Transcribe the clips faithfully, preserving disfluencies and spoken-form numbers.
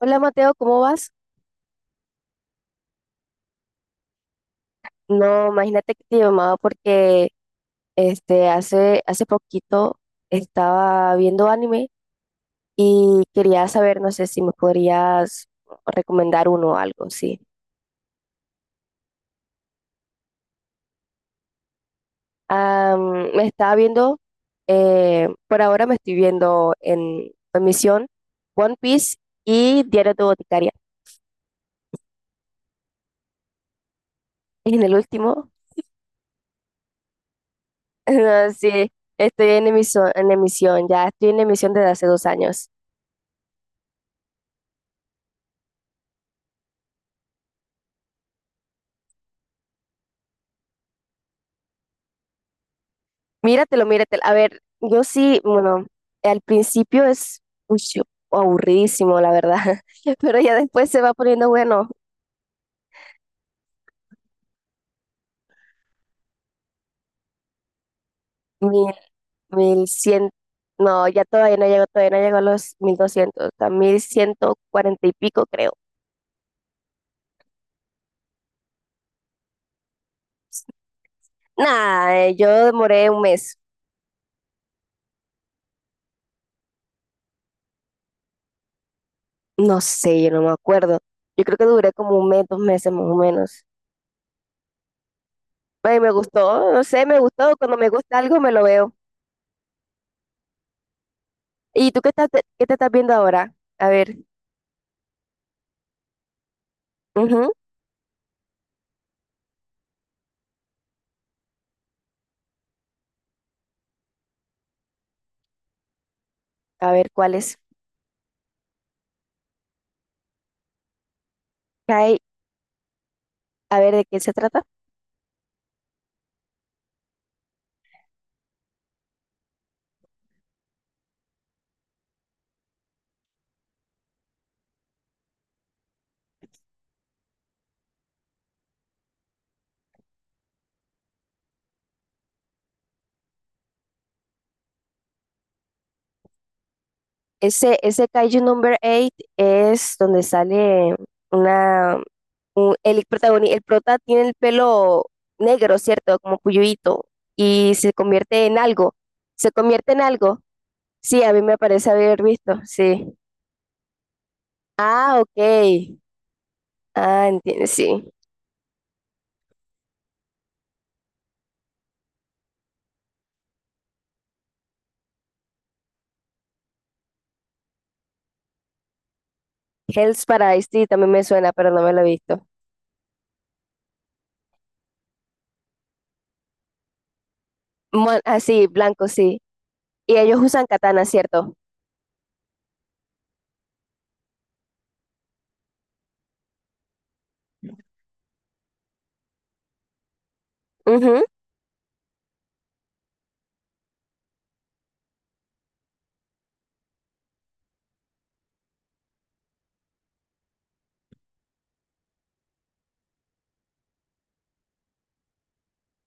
Hola Mateo, ¿cómo vas? No, imagínate que te llamaba porque este hace hace poquito estaba viendo anime y quería saber, no sé si me podrías recomendar uno o algo, sí. Am, me estaba viendo, eh, por ahora me estoy viendo en, en Misión One Piece y Diario de Boticaria. En el último, sí, estoy en emisión, en emisión, ya estoy en emisión desde hace dos años. Míratelo, míratelo. A ver, yo sí, bueno, al principio es uy, yo- aburridísimo, la verdad, pero ya después se va poniendo bueno, mil, mil cien, no, ya todavía no llego, todavía no llego a los mil doscientos, a mil ciento cuarenta y pico creo. Nada, eh, yo demoré un mes, no sé, yo no me acuerdo. Yo creo que duré como un mes, dos meses más o menos. Ay, me gustó, no sé, me gustó, cuando me gusta algo me lo veo. ¿Y tú qué estás, qué te estás viendo ahora? A ver, ujú. A ver, ¿cuál es? Kai, a ver, ¿de qué se trata? Ese, ese Kaiju Number ocho es donde sale una... un- el protagonista, el prota tiene el pelo negro, ¿cierto? Como puyuito. Y se convierte en algo. ¿Se convierte en algo? Sí, a mí me parece haber visto, sí. Ah, ok. Ah, entiendo, sí. Hell's Paradise, sí, también me suena, pero no me lo he visto. Mon- ah, sí, blanco, sí. Y ellos usan katana, ¿cierto? Ujú,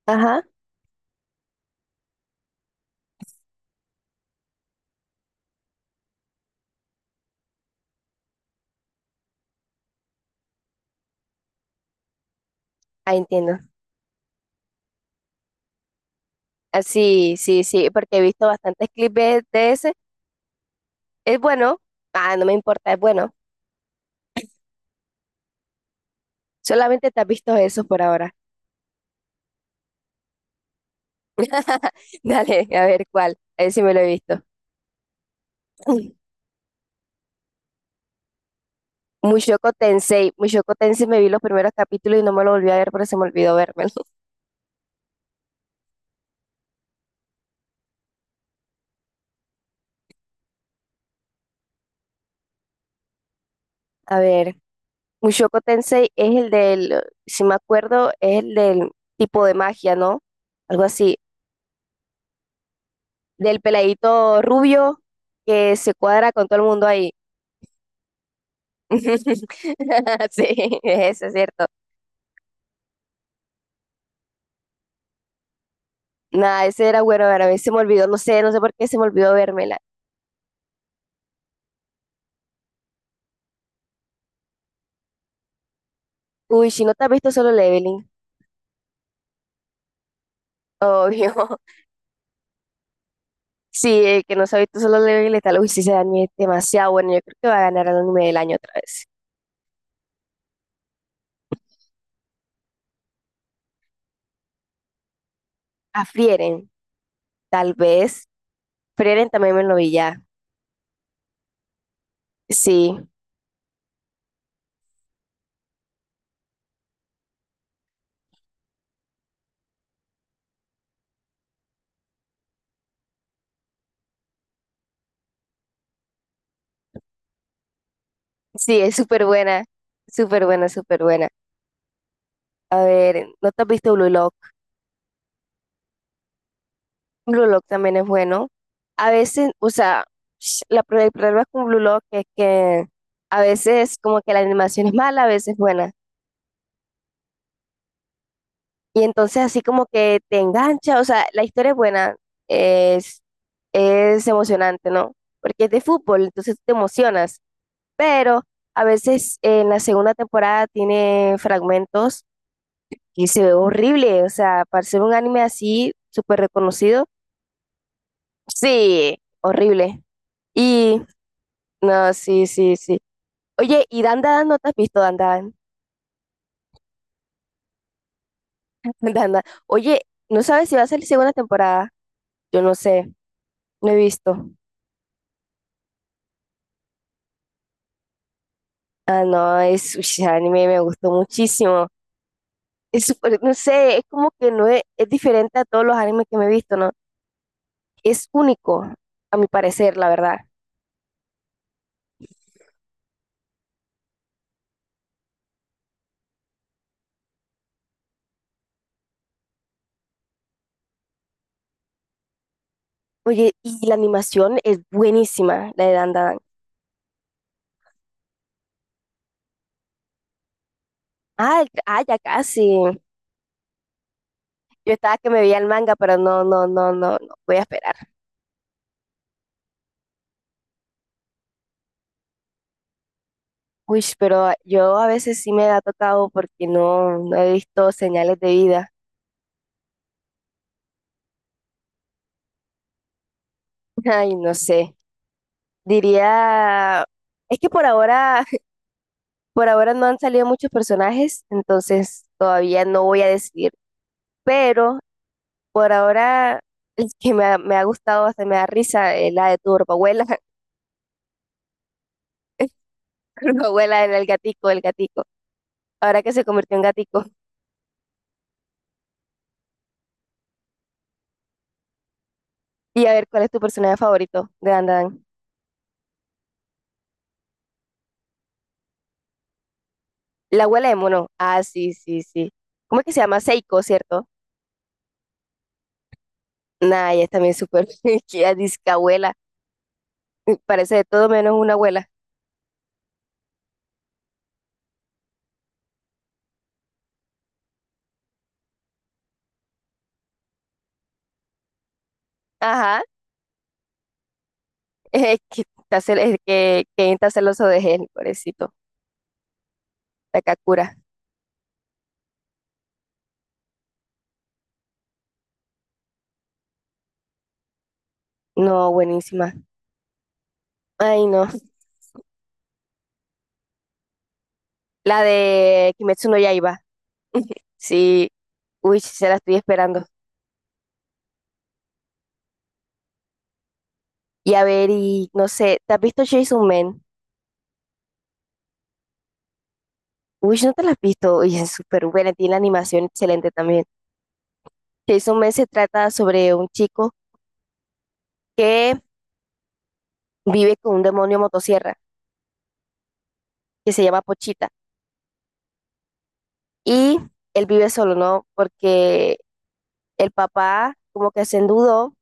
ajá. Ah, entiendo. Ah, sí, sí, sí, porque he visto bastantes clips de, de ese. Es bueno. Ah, no me importa, es bueno. Solamente te has visto esos por ahora. Dale, a ver cuál. A ver si me lo he visto. Mushoku Tensei. Mushoku Tensei me vi los primeros capítulos y no me lo volví a ver porque se me olvidó vérmelo. A ver, Mushoku Tensei es el del, si me acuerdo, es el del tipo de magia, ¿no? Algo así. Del peladito rubio que se cuadra con todo el mundo ahí. Sí, eso es cierto. Nada, ese era bueno, a mí se me olvidó, no sé, no sé por qué se me olvidó vérmela. Uy, si no te has visto Solo Leveling, obvio. Sí, el que no se ha visto Solo Leveling, tal vez sí se es demasiado bueno. Yo creo que va a ganar el anime del año otra vez. A Frieren, tal vez. Frieren también me lo vi ya. Sí, sí, es súper buena, súper buena, súper buena. A ver, ¿no te has visto Blue Lock? Blue Lock también es bueno. A veces, o sea, sh- la, pro- el problema con Blue Lock es que a veces como que la animación es mala, a veces es buena. Y entonces así como que te engancha, o sea, la historia es buena, es, es emocionante, ¿no? Porque es de fútbol, entonces te emocionas. Pero a veces en la segunda temporada tiene fragmentos y se ve horrible, o sea, para ser un anime así súper reconocido, sí, horrible. Y No, sí, sí, sí. Oye, y Dan Dan, ¿no te has visto Dan Dan? Dan Dan. Oye, ¿no sabes si va a salir segunda temporada? Yo no sé, no he visto. Ah, no, es, uy, ese anime me gustó muchísimo. Es súper, no sé, es como que no es, es diferente a todos los animes que me he visto, ¿no? Es único, a mi parecer, la verdad. Oye, y la animación es buenísima, la de Dan Dan. Ah, el- ah, ya casi. Yo estaba que me veía el manga, pero no, no, no, no, no, voy a esperar. Uy, pero a- yo a veces sí me ha tocado porque no, no he visto señales de vida. Ay, no sé. Diría, es que por ahora, por ahora no han salido muchos personajes, entonces todavía no voy a decidir. Pero por ahora, el que me ha, me ha gustado, hasta me da risa, es la de tu abuela, abuela era el gatico, el gatico. Ahora que se convirtió en gatico. Y a ver, ¿cuál es tu personaje favorito de Dandadan? La abuela de mono. Ah, sí, sí, sí. ¿Cómo es que se llama? Seiko, ¿cierto? Nah, ella también súper fingida, disque abuela. Parece de todo menos una abuela. Ajá. Es que está, cel- es que, que está celoso de él, pobrecito. Takakura. No, buenísima. Ay, no. La de Kimetsu no Yaiba. Sí. Uy, sí, se la estoy esperando. Y a ver, y no sé, ¿te has visto Jason Man? Uy, ¿no te la has visto? Uy, es súper buena, tiene la animación excelente también. Jason Man se trata sobre un chico que vive con un demonio motosierra que se llama Pochita. Y él vive solo, ¿no? Porque el papá como que se endeudó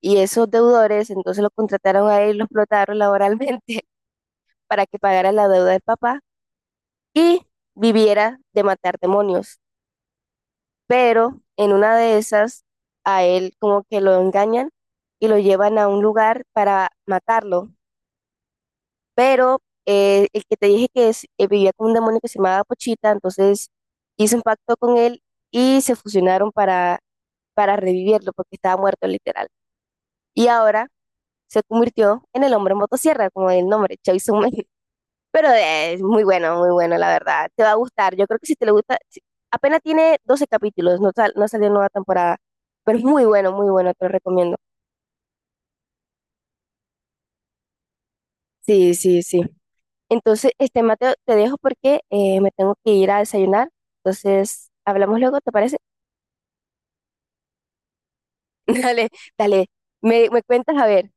y esos deudores entonces lo contrataron a él, lo explotaron laboralmente para que pagara la deuda del papá y viviera de matar demonios. Pero en una de esas a él como que lo engañan y lo llevan a un lugar para matarlo. Pero eh, el que te dije que es, eh, vivía con un demonio que se llamaba Pochita, entonces hizo un pacto con él y se fusionaron para para revivirlo porque estaba muerto literal. Y ahora se convirtió en el hombre motosierra, como el nombre, Chavisum. Pero eh, es muy bueno, muy bueno, la verdad. Te va a gustar. Yo creo que si te le gusta, si- apenas tiene doce capítulos, no, sal- no salió nueva temporada, pero es muy bueno, muy bueno, te lo recomiendo. Sí, sí, sí. Entonces, este Mateo, te dejo porque eh, me tengo que ir a desayunar. Entonces, hablamos luego, ¿te parece? Dale, dale. Me, me cuentas a ver.